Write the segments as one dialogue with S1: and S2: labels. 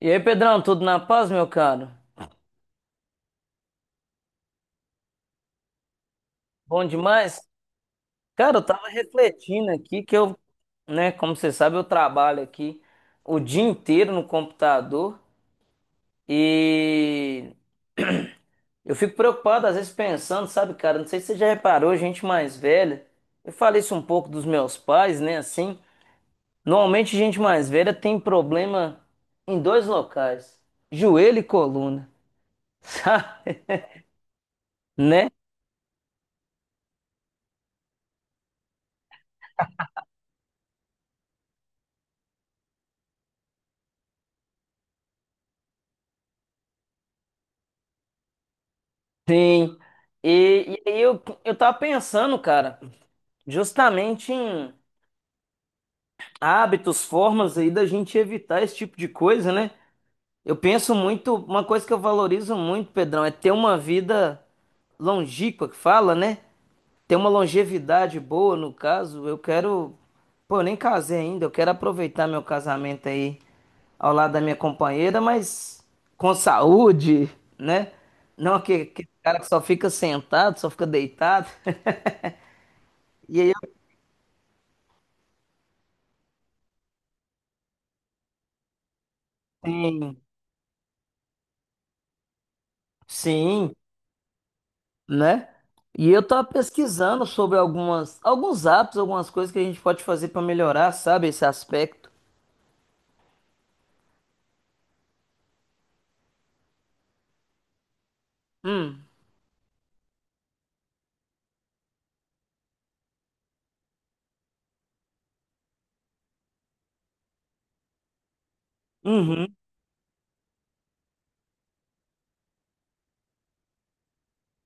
S1: E aí, Pedrão, tudo na paz, meu caro? Bom demais? Cara, eu tava refletindo aqui que eu, né, como você sabe, eu trabalho aqui o dia inteiro no computador e eu fico preocupado às vezes pensando, sabe, cara, não sei se você já reparou, gente mais velha, eu falei isso um pouco dos meus pais, né, assim, normalmente gente mais velha tem problema em dois locais, joelho e coluna, sabe, né? Sim. E aí eu tava pensando, cara, justamente em hábitos, formas aí da gente evitar esse tipo de coisa, né? Eu penso muito, uma coisa que eu valorizo muito, Pedrão, é ter uma vida longínqua, que fala, né? Ter uma longevidade boa, no caso. Eu quero, pô, eu nem casei ainda, eu quero aproveitar meu casamento aí ao lado da minha companheira, mas com saúde, né? Não aquele cara que só fica sentado, só fica deitado. E aí eu tenho, sim, né? E eu tava pesquisando sobre algumas, alguns apps, algumas coisas que a gente pode fazer pra melhorar, sabe, esse aspecto. Hum. Uhum.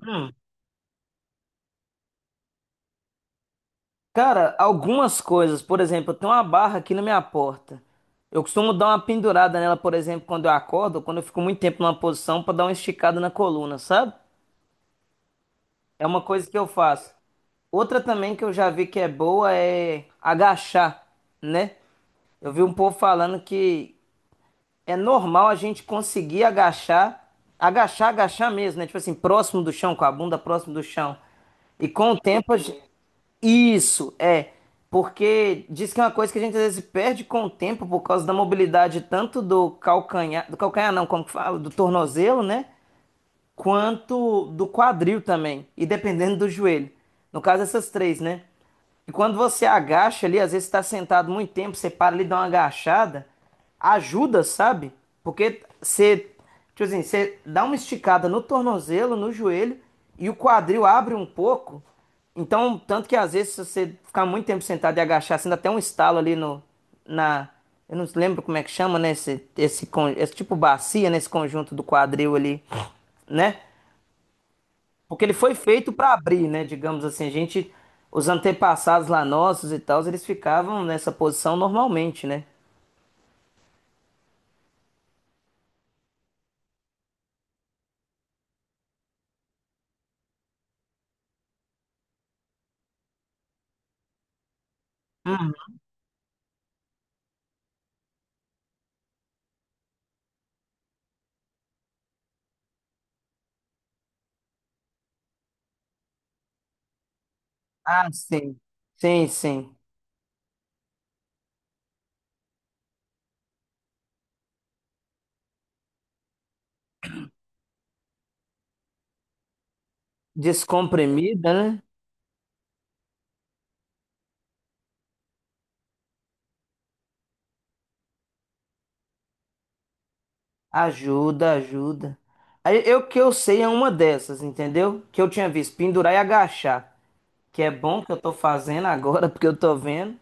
S1: Hum. Cara, algumas coisas, por exemplo, eu tenho uma barra aqui na minha porta. Eu costumo dar uma pendurada nela, por exemplo, quando eu acordo, ou quando eu fico muito tempo numa posição pra dar uma esticada na coluna, sabe? É uma coisa que eu faço. Outra também que eu já vi que é boa é agachar, né? Eu vi um povo falando que é normal a gente conseguir agachar, agachar, agachar mesmo, né? Tipo assim, próximo do chão, com a bunda próximo do chão. E com o tempo, a gente... Isso, é. Porque diz que é uma coisa que a gente às vezes perde com o tempo por causa da mobilidade tanto do calcanhar não, como que fala, do tornozelo, né? Quanto do quadril também, e dependendo do joelho. No caso, essas três, né? E quando você agacha ali, às vezes está sentado muito tempo, você para ali, dá uma agachada, ajuda, sabe? Porque você, tipo assim, você dá uma esticada no tornozelo, no joelho, e o quadril abre um pouco. Então, tanto que às vezes, se você ficar muito tempo sentado e agachar, você dá até um estalo ali no, na. Eu não lembro como é que chama, né? Esse tipo bacia, nesse conjunto do quadril ali, né? Porque ele foi feito para abrir, né? Digamos assim, a gente, os antepassados lá nossos e tal, eles ficavam nessa posição normalmente, né? Hum, ah, sim. Sim, sim. Descomprimida, né? Ajuda, ajuda. Aí, eu que eu sei é uma dessas, entendeu? Que eu tinha visto pendurar e agachar, que é bom que eu tô fazendo agora, porque eu tô vendo.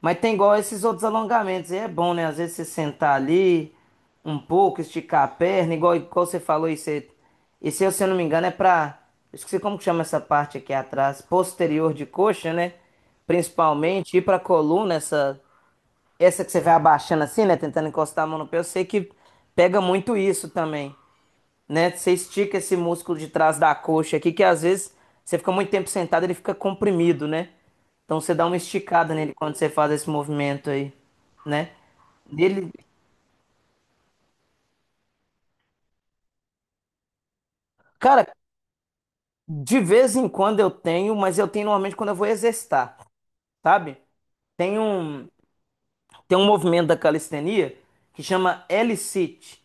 S1: Mas tem igual esses outros alongamentos, e é bom, né? Às vezes você sentar ali um pouco, esticar a perna, igual você falou, isso é, isso, aí, se eu não me engano, é pra. Eu esqueci como que chama essa parte aqui atrás, posterior de coxa, né? Principalmente, ir pra coluna, essa que você vai abaixando assim, né? Tentando encostar a mão no pé, eu sei que pega muito isso também, né? Você estica esse músculo de trás da coxa aqui, que às vezes você fica muito tempo sentado, ele fica comprimido, né? Então você dá uma esticada nele quando você faz esse movimento aí, né? Ele, cara, de vez em quando eu tenho, mas eu tenho normalmente quando eu vou exercitar, sabe? Tem um, Tem um movimento da calistenia que chama L-sit,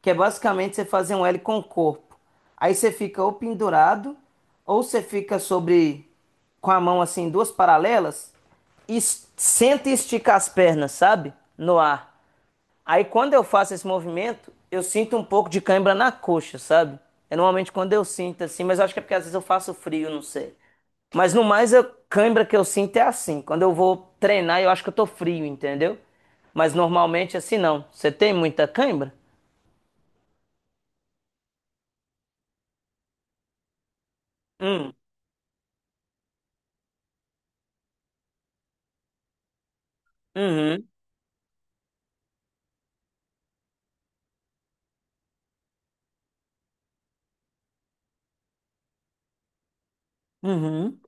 S1: que é basicamente você fazer um L com o corpo. Aí você fica ou pendurado, ou você fica sobre com a mão assim, duas paralelas, e senta e estica as pernas, sabe? No ar. Aí quando eu faço esse movimento, eu sinto um pouco de cãibra na coxa, sabe? É normalmente quando eu sinto assim, mas eu acho que é porque às vezes eu faço frio, não sei. Mas no mais, a cãibra que eu sinto é assim. Quando eu vou treinar, eu acho que eu tô frio, entendeu? Mas normalmente assim não. Você tem muita cãibra? Uhum, uhum.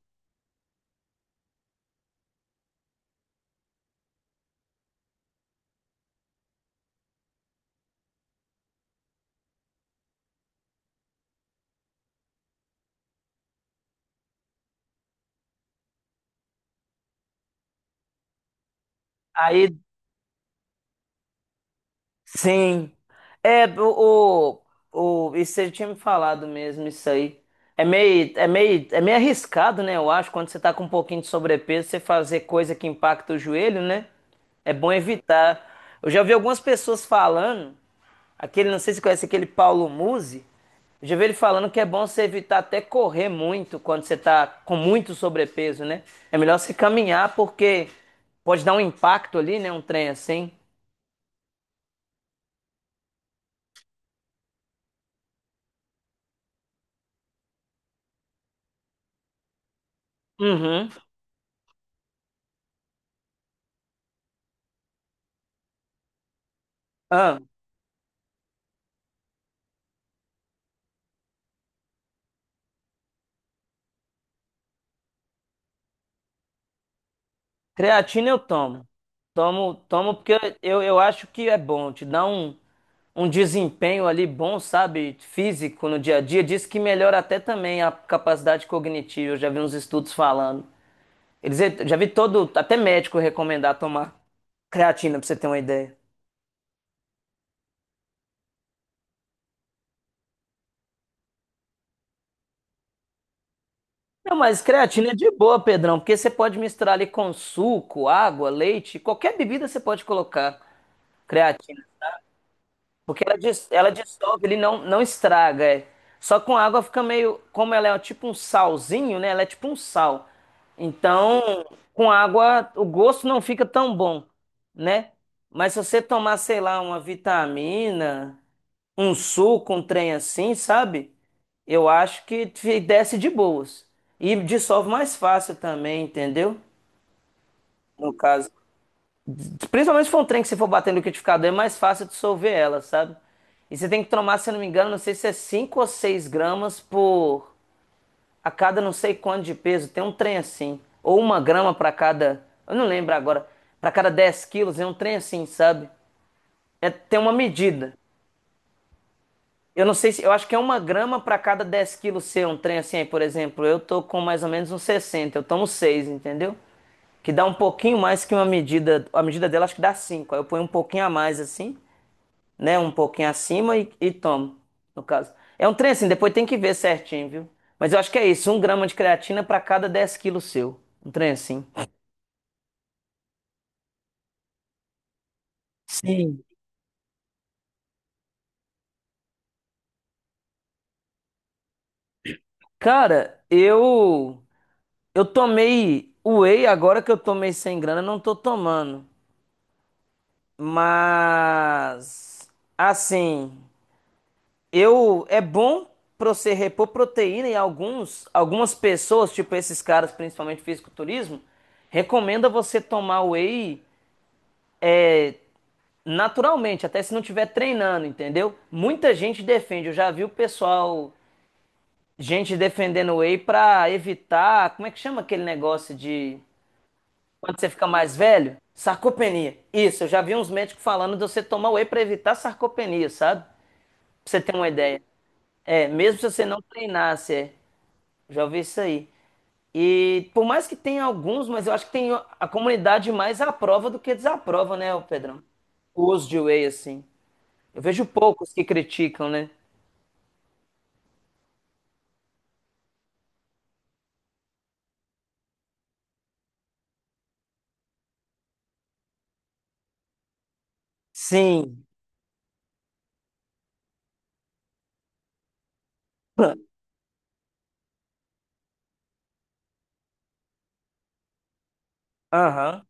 S1: Aí sim. É, o, isso você tinha me falado mesmo, isso aí. É meio arriscado, né? Eu acho, quando você tá com um pouquinho de sobrepeso, você fazer coisa que impacta o joelho, né? É bom evitar. Eu já vi algumas pessoas falando, aquele, não sei se você conhece aquele Paulo Musi, eu já vi ele falando que é bom você evitar até correr muito quando você tá com muito sobrepeso, né? É melhor você caminhar porque pode dar um impacto ali, né? Um trem assim. Uhum. Ah. Creatina eu tomo. Tomo, tomo porque eu acho que é bom, te dá um desempenho ali bom, sabe? Físico no dia a dia. Diz que melhora até também a capacidade cognitiva. Eu já vi uns estudos falando. Eles já vi todo, até médico recomendar tomar creatina, pra você ter uma ideia. Não, mas creatina é de boa, Pedrão, porque você pode misturar ali com suco, água, leite, qualquer bebida você pode colocar creatina. Porque ela dissolve, ele não, não estraga. É. Só com água fica meio. Como ela é um, tipo um salzinho, né? Ela é tipo um sal. Então, com água, o gosto não fica tão bom, né? Mas se você tomar, sei lá, uma vitamina, um suco, um trem assim, sabe? Eu acho que te desce de boas. E dissolve mais fácil também, entendeu? No caso. Principalmente se for um trem que você for bater no liquidificador, é mais fácil dissolver ela, sabe? E você tem que tomar, se eu não me engano, não sei se é 5 ou 6 gramas por a cada não sei quanto de peso. Tem um trem assim. Ou 1 grama para cada. Eu não lembro agora. Para cada 10 quilos, é um trem assim, sabe? É, tem uma medida. Eu não sei se. Eu acho que é 1 grama para cada 10 quilos ser um trem assim. Aí, por exemplo, eu tô com mais ou menos uns 60, eu tomo 6, entendeu? Que dá um pouquinho mais que uma medida. A medida dela acho que dá 5. Aí eu ponho um pouquinho a mais assim, né? Um pouquinho acima e tomo, no caso. É um trem assim, depois tem que ver certinho, viu? Mas eu acho que é isso, um grama de creatina para cada 10 quilos seu. Um trem assim. Sim. Cara, eu tomei whey agora que eu tomei sem grana, não tô tomando. Mas assim, eu é bom pra você repor proteína e alguns algumas pessoas, tipo esses caras, principalmente fisiculturismo, recomenda você tomar whey é, naturalmente, até se não tiver treinando, entendeu? Muita gente defende, eu já vi o pessoal, gente defendendo whey pra evitar, como é que chama aquele negócio de quando você fica mais velho? Sarcopenia. Isso, eu já vi uns médicos falando de você tomar whey pra evitar sarcopenia, sabe? Pra você ter uma ideia. É, mesmo se você não treinasse, é. Já ouvi isso aí. E por mais que tenha alguns, mas eu acho que tem a comunidade mais aprova do que desaprova, né, ô Pedrão? O uso de whey, assim. Eu vejo poucos que criticam, né? Sim. Aham.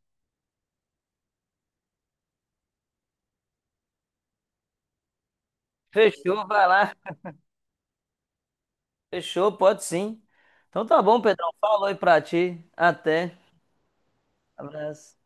S1: Fechou, vai lá. Fechou, pode sim. Então tá bom, Pedrão. Falou aí pra ti. Até. Abraço.